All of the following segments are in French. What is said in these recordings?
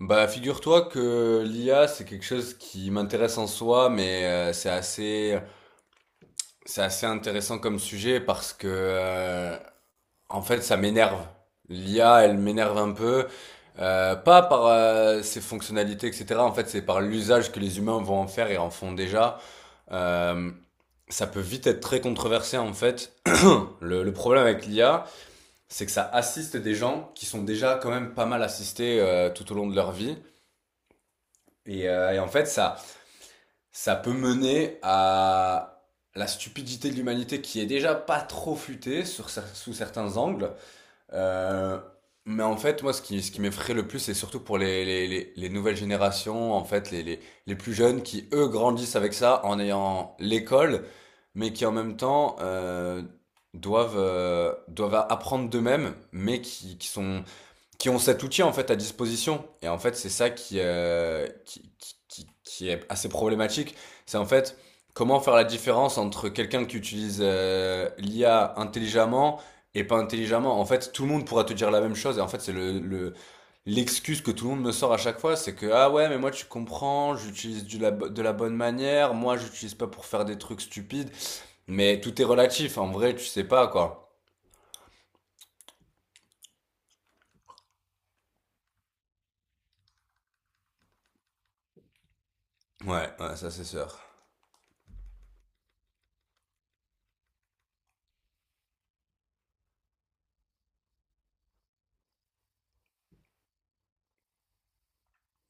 Bah, figure-toi que l'IA, c'est quelque chose qui m'intéresse en soi, mais c'est assez intéressant comme sujet parce que, en fait, ça m'énerve. L'IA, elle m'énerve un peu, pas par ses fonctionnalités, etc. En fait, c'est par l'usage que les humains vont en faire et en font déjà. Euh, Ça peut vite être très controversé, en fait. Le problème avec l'IA, c'est que ça assiste des gens qui sont déjà quand même pas mal assistés tout au long de leur vie. Et en fait, ça peut mener à la stupidité de l'humanité qui est déjà pas trop futée sous certains angles. Euh, mais en fait, moi, ce qui m'effraie le plus, c'est surtout pour les nouvelles générations, en fait, les plus jeunes qui, eux, grandissent avec ça en ayant l'école, mais qui en même temps doivent, doivent apprendre d'eux-mêmes, qui ont cet outil en fait à disposition. Et en fait, c'est ça qui est assez problématique. C'est en fait comment faire la différence entre quelqu'un qui utilise l'IA intelligemment et pas intelligemment. En fait, tout le monde pourra te dire la même chose. Et en fait, c'est l'excuse que tout le monde me sort à chaque fois. C'est que, ah ouais, mais moi tu comprends, j'utilise de la bonne manière. Moi, j'utilise pas pour faire des trucs stupides. Mais tout est relatif. En vrai, tu sais pas quoi. Ouais, ouais, ça c'est sûr.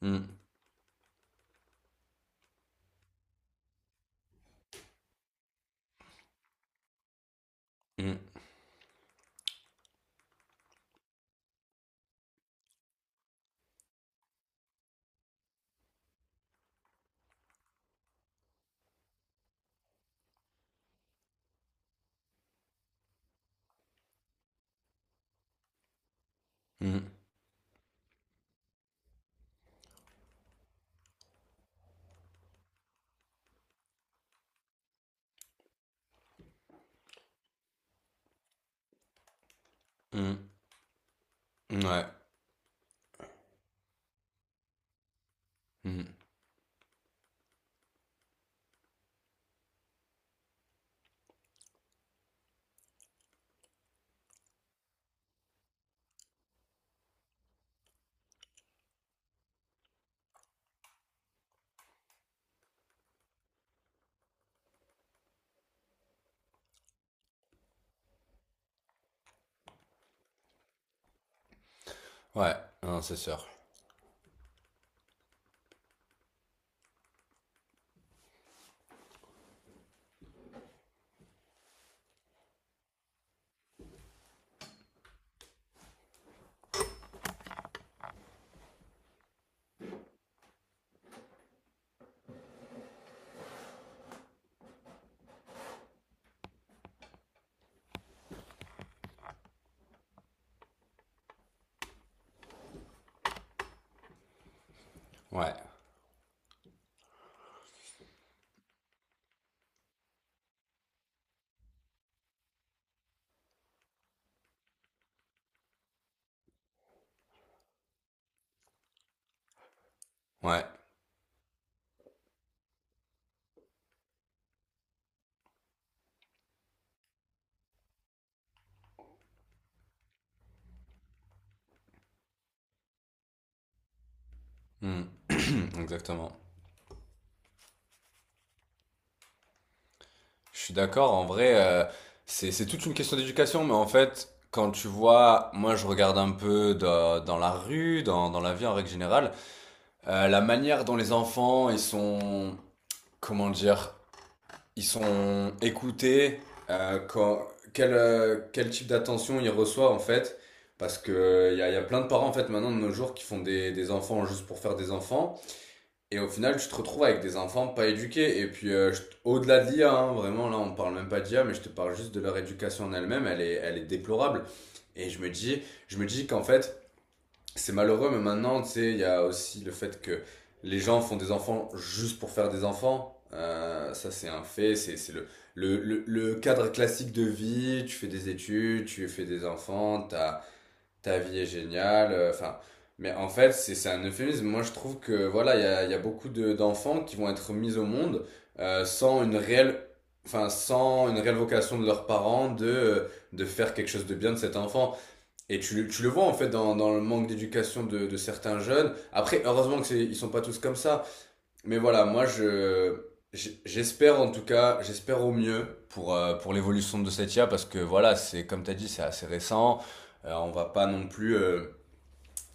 Mm, mm, mm, mm. Ouais. Mhm. Ouais, non, c'est sûr. Ouais, ouais. Mhm. Exactement. Je suis d'accord, en vrai, c'est toute une question d'éducation, mais en fait, quand tu vois, moi je regarde un peu dans, dans la rue, dans, dans la vie en règle générale, la manière dont les enfants, ils sont, comment dire, ils sont écoutés, euh, quand- quel, quel type d'attention ils reçoivent en fait, parce que y a plein de parents en fait maintenant de nos jours qui font des enfants juste pour faire des enfants. Et au final, tu te retrouves avec des enfants pas éduqués. Et puis, au-delà de l'IA, hein, vraiment, là, on parle même pas d'IA, mais je te parle juste de leur éducation en elle-même. Elle est déplorable. Et je me dis qu'en fait, c'est malheureux, mais maintenant, tu sais, il y a aussi le fait que les gens font des enfants juste pour faire des enfants. Ça, c'est un fait. C'est, c'est le cadre classique de vie. Tu fais des études, tu fais des enfants, t'as ta vie est géniale. Enfin, mais en fait, c'est un euphémisme. Moi, je trouve que voilà, il y a, il y a beaucoup d'enfants qui vont être mis au monde sans une réelle, enfin, sans une réelle vocation de leurs parents de faire quelque chose de bien de cet enfant. Tu le vois en fait dans, dans le manque d'éducation de certains jeunes. Après, heureusement que c'est, ils sont pas tous comme ça. Mais voilà, moi j'espère en tout cas, j'espère au mieux pour l'évolution de cette IA parce que voilà, c'est comme tu as dit, c'est assez récent. Euh, on va pas non plus euh,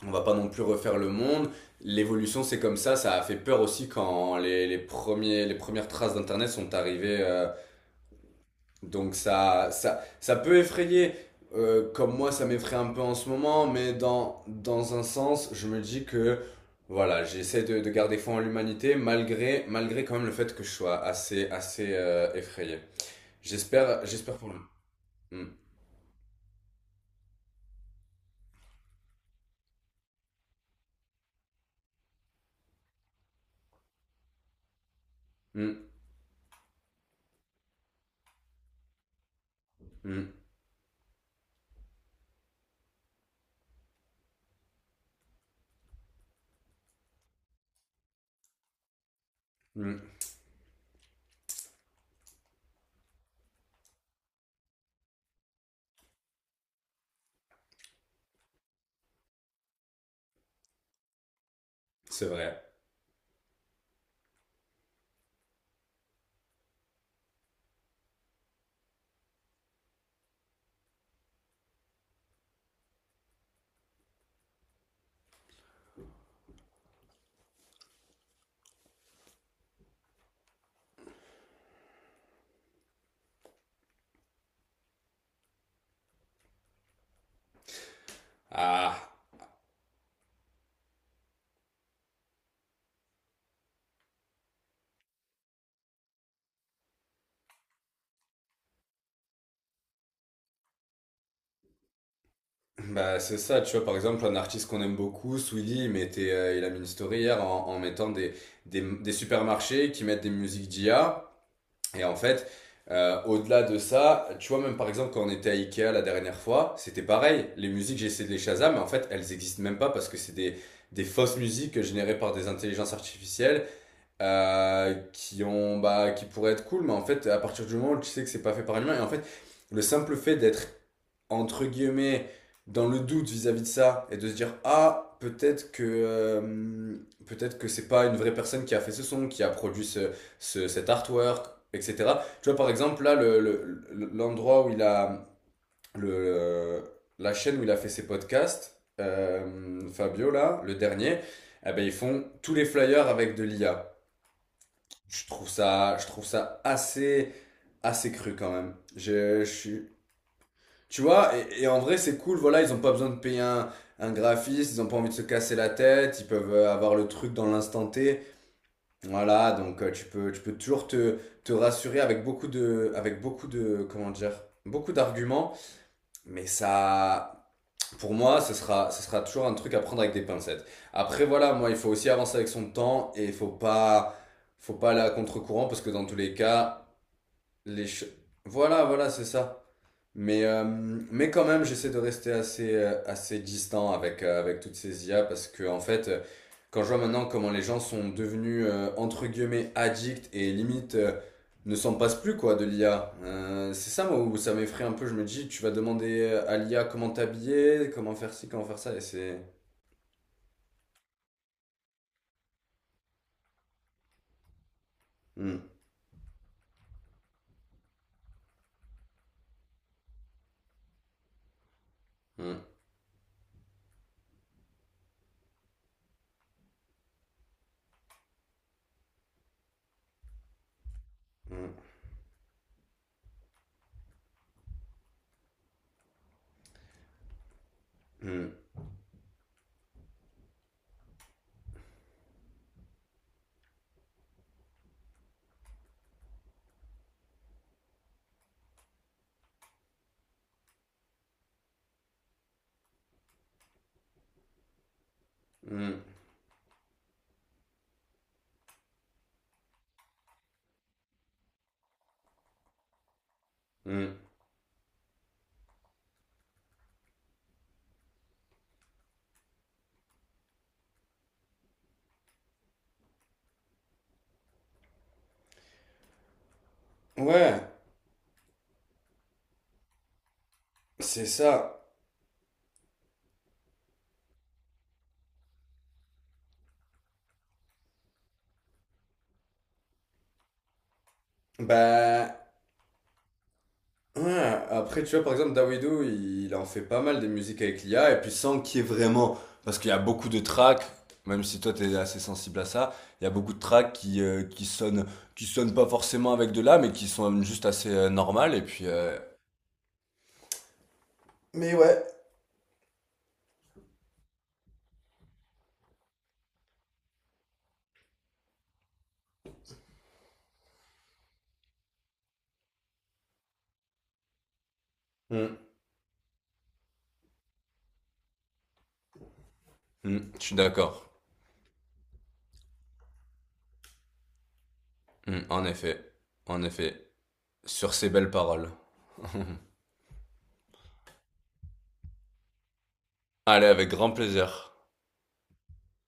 on va pas non plus refaire le monde. L'évolution, c'est comme ça a fait peur aussi quand les premières traces d'internet sont arrivées donc ça peut effrayer, comme moi ça m'effraie un peu en ce moment, mais dans, dans un sens, je me dis que voilà, j'essaie de garder foi en l'humanité malgré, malgré quand même le fait que je sois assez, assez effrayé. J'espère, j'espère pour nous. Mm, mm, mm, mm. C'est vrai. Ah, Bah c'est ça, tu vois, par exemple, un artiste qu'on aime beaucoup, Swilly, il a mis une story hier en, en mettant des supermarchés qui mettent des musiques d'IA. Et en fait, au-delà de ça, tu vois, même par exemple, quand on était à Ikea la dernière fois, c'était pareil. Les musiques, j'ai essayé de les Shazam, mais en fait, elles existent même pas parce que c'est des fausses musiques générées par des intelligences artificielles qui pourraient être cool, mais en fait, à partir du moment où tu sais que c'est pas fait par un humain, et en fait, le simple fait d'être entre guillemets, dans le doute vis-à-vis de ça et de se dire ah peut-être que c'est pas une vraie personne qui a fait ce son, qui a produit cet artwork, etc. Tu vois par exemple l'endroit où il a le la chaîne où il a fait ses podcasts, Fabio là le dernier, eh ben ils font tous les flyers avec de l'IA. Je trouve ça assez assez cru quand même. Je suis tu vois, et en vrai, c'est cool, voilà, ils ont pas besoin de payer un graphiste, ils ont pas envie de se casser la tête, ils peuvent avoir le truc dans l'instant T. Voilà, donc tu peux toujours te, te rassurer avec beaucoup de, comment dire, beaucoup d'arguments, mais ça, pour moi, ce sera toujours un truc à prendre avec des pincettes. Après, voilà, moi, il faut aussi avancer avec son temps et il faut pas aller à contre-courant parce que dans tous les cas, les, ch- voilà, voilà, c'est ça. Mais mais quand même, j'essaie de rester assez, assez distant avec, avec toutes ces IA parce que, en fait, quand je vois maintenant comment les gens sont devenus, entre guillemets, addicts et limite ne s'en passent plus, quoi, de l'IA. C'est ça, moi, où ça m'effraie un peu. Je me dis, tu vas demander à l'IA comment t'habiller, comment faire ci, comment faire ça, et c'est. Hmm, hmm, hmm, hmm, hmm, hmm. Ouais, c'est ça. Bah. Ouais, après, tu vois, par exemple, Dawido, il en fait pas mal des musiques avec l'IA, et puis sans qu'il y ait vraiment. Parce qu'il y a beaucoup de tracks, même si toi t'es assez sensible à ça, il y a beaucoup de tracks qui sonnent pas forcément avec de l'IA, mais qui sont juste assez normales, et puis. Mais ouais. Mm, je suis d'accord. Mm, en effet, en effet. Sur ces belles paroles. Allez, avec grand plaisir.